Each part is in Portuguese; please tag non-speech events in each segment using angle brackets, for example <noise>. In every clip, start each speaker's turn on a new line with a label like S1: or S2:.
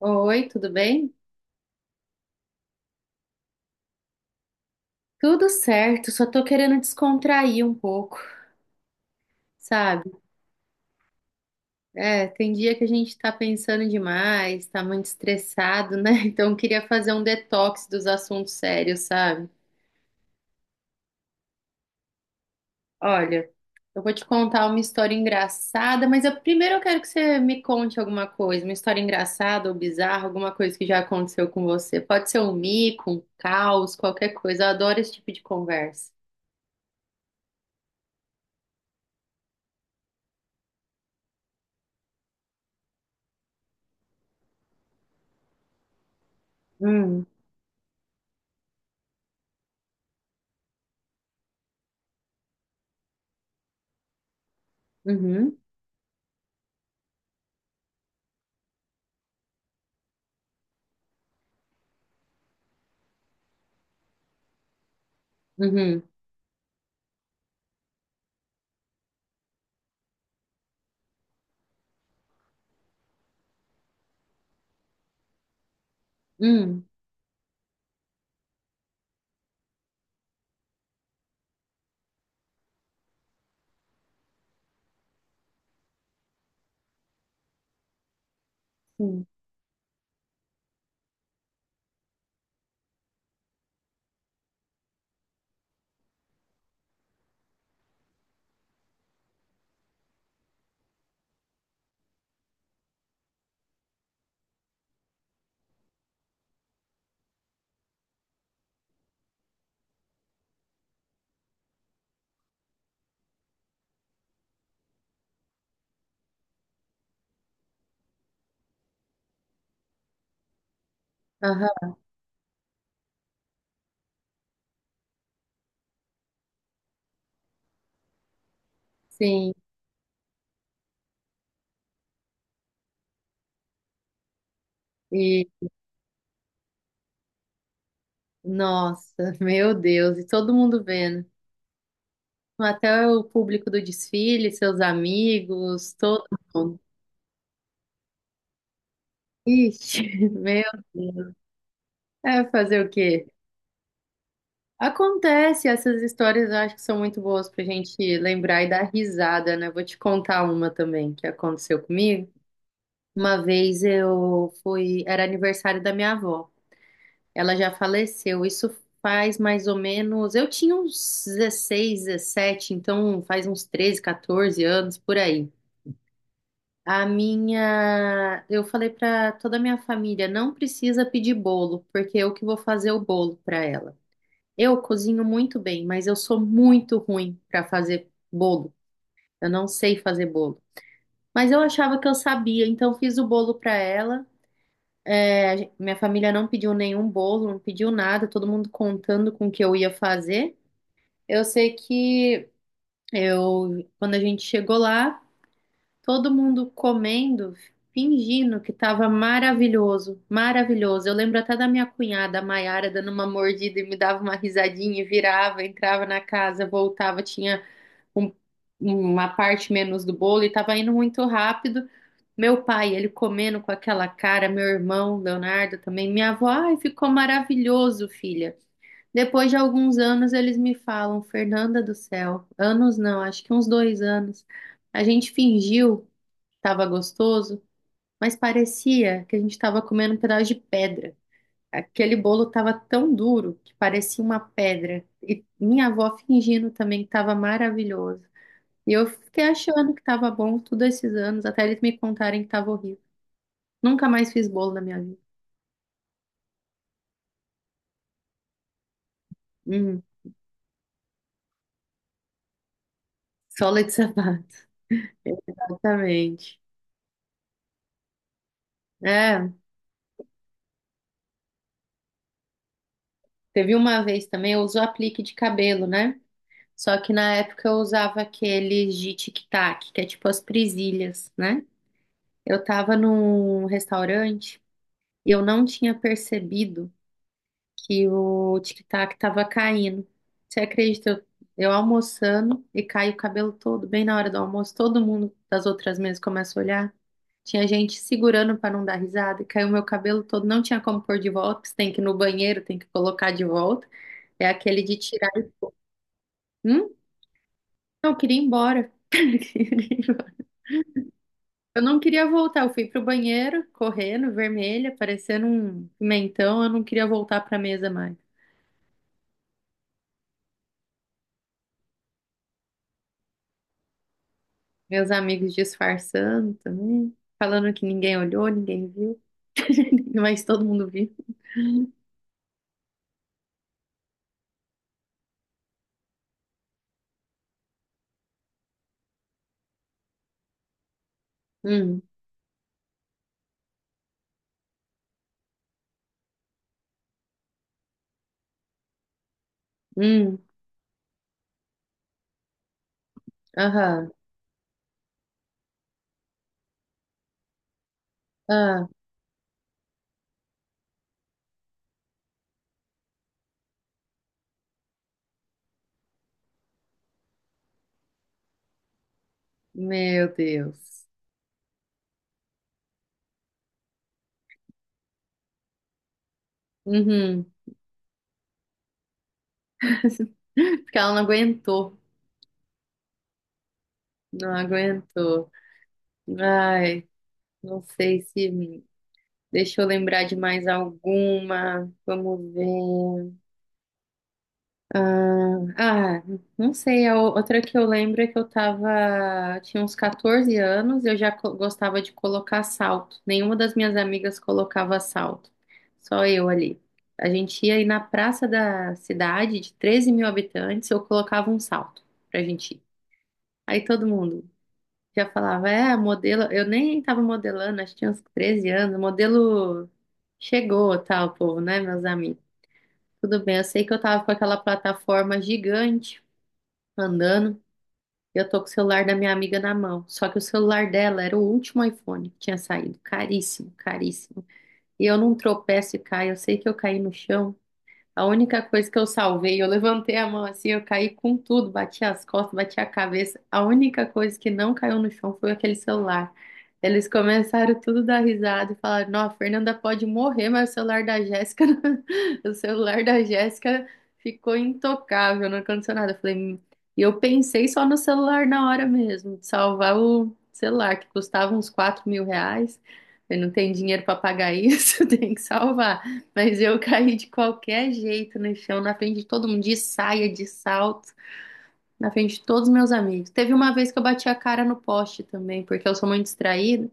S1: Oi, tudo bem? Tudo certo, só tô querendo descontrair um pouco, sabe? É, tem dia que a gente tá pensando demais, tá muito estressado, né? <laughs> Então eu queria fazer um detox dos assuntos sérios, sabe? Olha, eu vou te contar uma história engraçada, mas primeiro eu quero que você me conte alguma coisa, uma história engraçada ou bizarra, alguma coisa que já aconteceu com você. Pode ser um mico, um caos, qualquer coisa. Eu adoro esse tipo de conversa. Hum, uhum, uhum, hum. Sim. Aham, sim. E, nossa, <laughs> meu Deus, e todo mundo vendo. Até o público do desfile, seus amigos, todo mundo. Ixi, <laughs> meu Deus. É fazer o quê? Acontece, essas histórias eu acho que são muito boas pra gente lembrar e dar risada, né? Vou te contar uma também que aconteceu comigo. Uma vez eu fui, era aniversário da minha avó. Ela já faleceu. Isso faz mais ou menos. Eu tinha uns 16, 17. Então faz uns 13, 14 anos por aí. A minha. Eu falei para toda a minha família: não precisa pedir bolo, porque eu que vou fazer o bolo para ela. Eu cozinho muito bem, mas eu sou muito ruim para fazer bolo. Eu não sei fazer bolo. Mas eu achava que eu sabia, então fiz o bolo para ela. É, a minha família não pediu nenhum bolo, não pediu nada, todo mundo contando com o que eu ia fazer. Eu sei que eu, quando a gente chegou lá, todo mundo comendo, fingindo que estava maravilhoso, maravilhoso. Eu lembro até da minha cunhada, a Maiara, dando uma mordida e me dava uma risadinha, e virava, entrava na casa, voltava, tinha um- uma parte menos do bolo e tava indo muito rápido. Meu pai, ele comendo com aquela cara, meu irmão, Leonardo também, minha avó, ai, ficou maravilhoso, filha. Depois de alguns anos, eles me falam, Fernanda do céu, anos não, acho que uns dois anos. A gente fingiu que tava gostoso, mas parecia que a gente tava comendo um pedaço de pedra. Aquele bolo tava tão duro que parecia uma pedra. E minha avó fingindo também que tava maravilhoso. E eu fiquei achando que tava bom todos esses anos, até eles me contarem que tava horrível. Nunca mais fiz bolo na minha vida. Hum, sola de sapato. <laughs> Exatamente. É, teve uma vez também, eu uso aplique de cabelo, né? Só que na época eu usava aqueles de tic-tac, que é tipo as presilhas, né? Eu tava num restaurante e eu não tinha percebido que o tic-tac tava caindo. Você acredita? Eu almoçando e cai o cabelo todo, bem na hora do almoço, todo mundo das outras mesas começa a olhar. Tinha gente segurando para não dar risada, e caiu meu cabelo todo, não tinha como pôr de volta, porque você tem que ir no banheiro, tem que colocar de volta. É aquele de tirar. Hum? Não, eu queria ir embora. <laughs> Eu não queria voltar, eu fui pro banheiro, correndo, vermelha, parecendo um pimentão, eu não queria voltar pra mesa mais. Meus amigos disfarçando também, falando que ninguém olhou, ninguém viu, <laughs> mas todo mundo viu. Hum, hum, aham, ah, meu Deus. Uhum. <laughs> Porque ela não aguentou, não aguentou. Ai, não sei se deixa eu lembrar de mais alguma. Vamos ver. Ah, ah, não sei, a outra que eu lembro é que eu tava, tinha uns 14 anos, eu já gostava de colocar salto. Nenhuma das minhas amigas colocava salto, só eu ali. A gente ia ir na praça da cidade, de 13 mil habitantes, eu colocava um salto pra gente ir. Aí todo mundo já falava, é, modelo, eu nem tava modelando, acho que tinha uns 13 anos, o modelo chegou, tal, povo, né, meus amigos? Tudo bem, eu sei que eu tava com aquela plataforma gigante andando. Eu tô com o celular da minha amiga na mão. Só que o celular dela era o último iPhone que tinha saído. Caríssimo, caríssimo. E eu não tropeço e caio. Eu sei que eu caí no chão. A única coisa que eu salvei, eu levantei a mão assim, eu caí com tudo, bati as costas, bati a cabeça. A única coisa que não caiu no chão foi aquele celular. Eles começaram tudo a dar risada e falaram: Não, a Fernanda pode morrer, mas o celular da Jéssica, <laughs> o celular da Jéssica ficou intocável, não aconteceu nada. Eu falei." E eu pensei só no celular na hora mesmo, de salvar o celular, que custava uns 4 mil reais. Eu não tenho dinheiro para pagar isso, <laughs> tem que salvar. Mas eu <laughs> caí de qualquer jeito no chão, na frente de todo mundo, de saia, de salto, na frente de todos os meus amigos. Teve uma vez que eu bati a cara no poste também, porque eu sou muito distraída.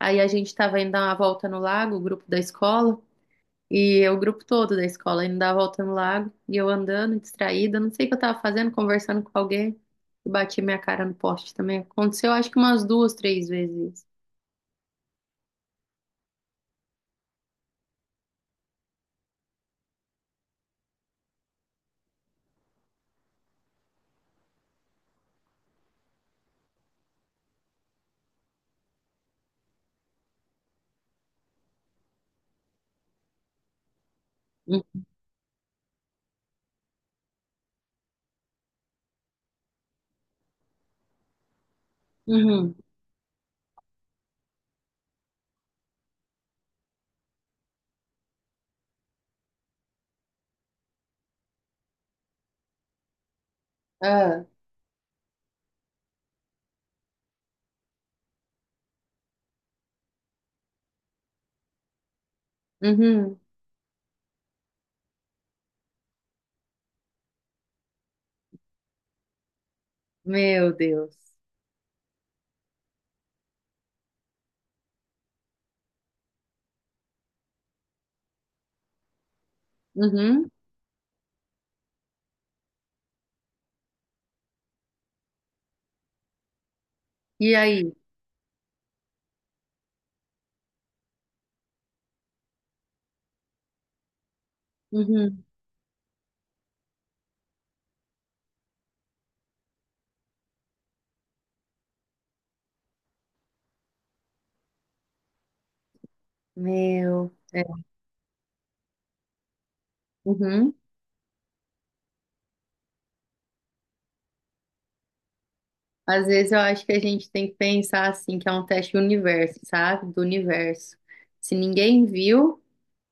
S1: Aí a gente tava indo dar uma volta no lago, o grupo da escola, e eu, o grupo todo da escola, indo dar a volta no lago, e eu andando, distraída, não sei o que eu tava fazendo, conversando com alguém, e bati minha cara no poste também. Aconteceu acho que umas duas, três vezes. Uhum. Ah, uhum. Meu Deus. Uhum. E aí? Uhum. Meu. É. Uhum. Às vezes eu acho que a gente tem que pensar assim, que é um teste do universo, sabe? Do universo. Se ninguém viu,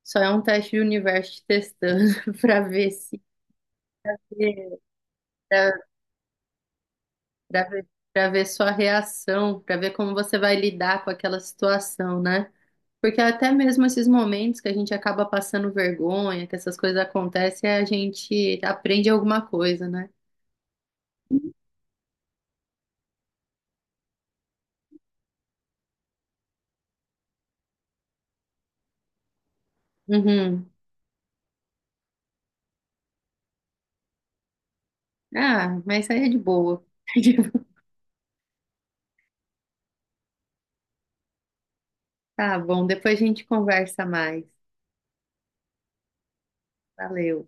S1: só é um teste do universo te testando <laughs> para ver se para pra ver, pra ver sua reação, para ver como você vai lidar com aquela situação, né? Porque até mesmo esses momentos que a gente acaba passando vergonha, que essas coisas acontecem, a gente aprende alguma coisa, né? Uhum. Ah, mas isso aí é de boa. <laughs> Tá bom, depois a gente conversa mais. Valeu.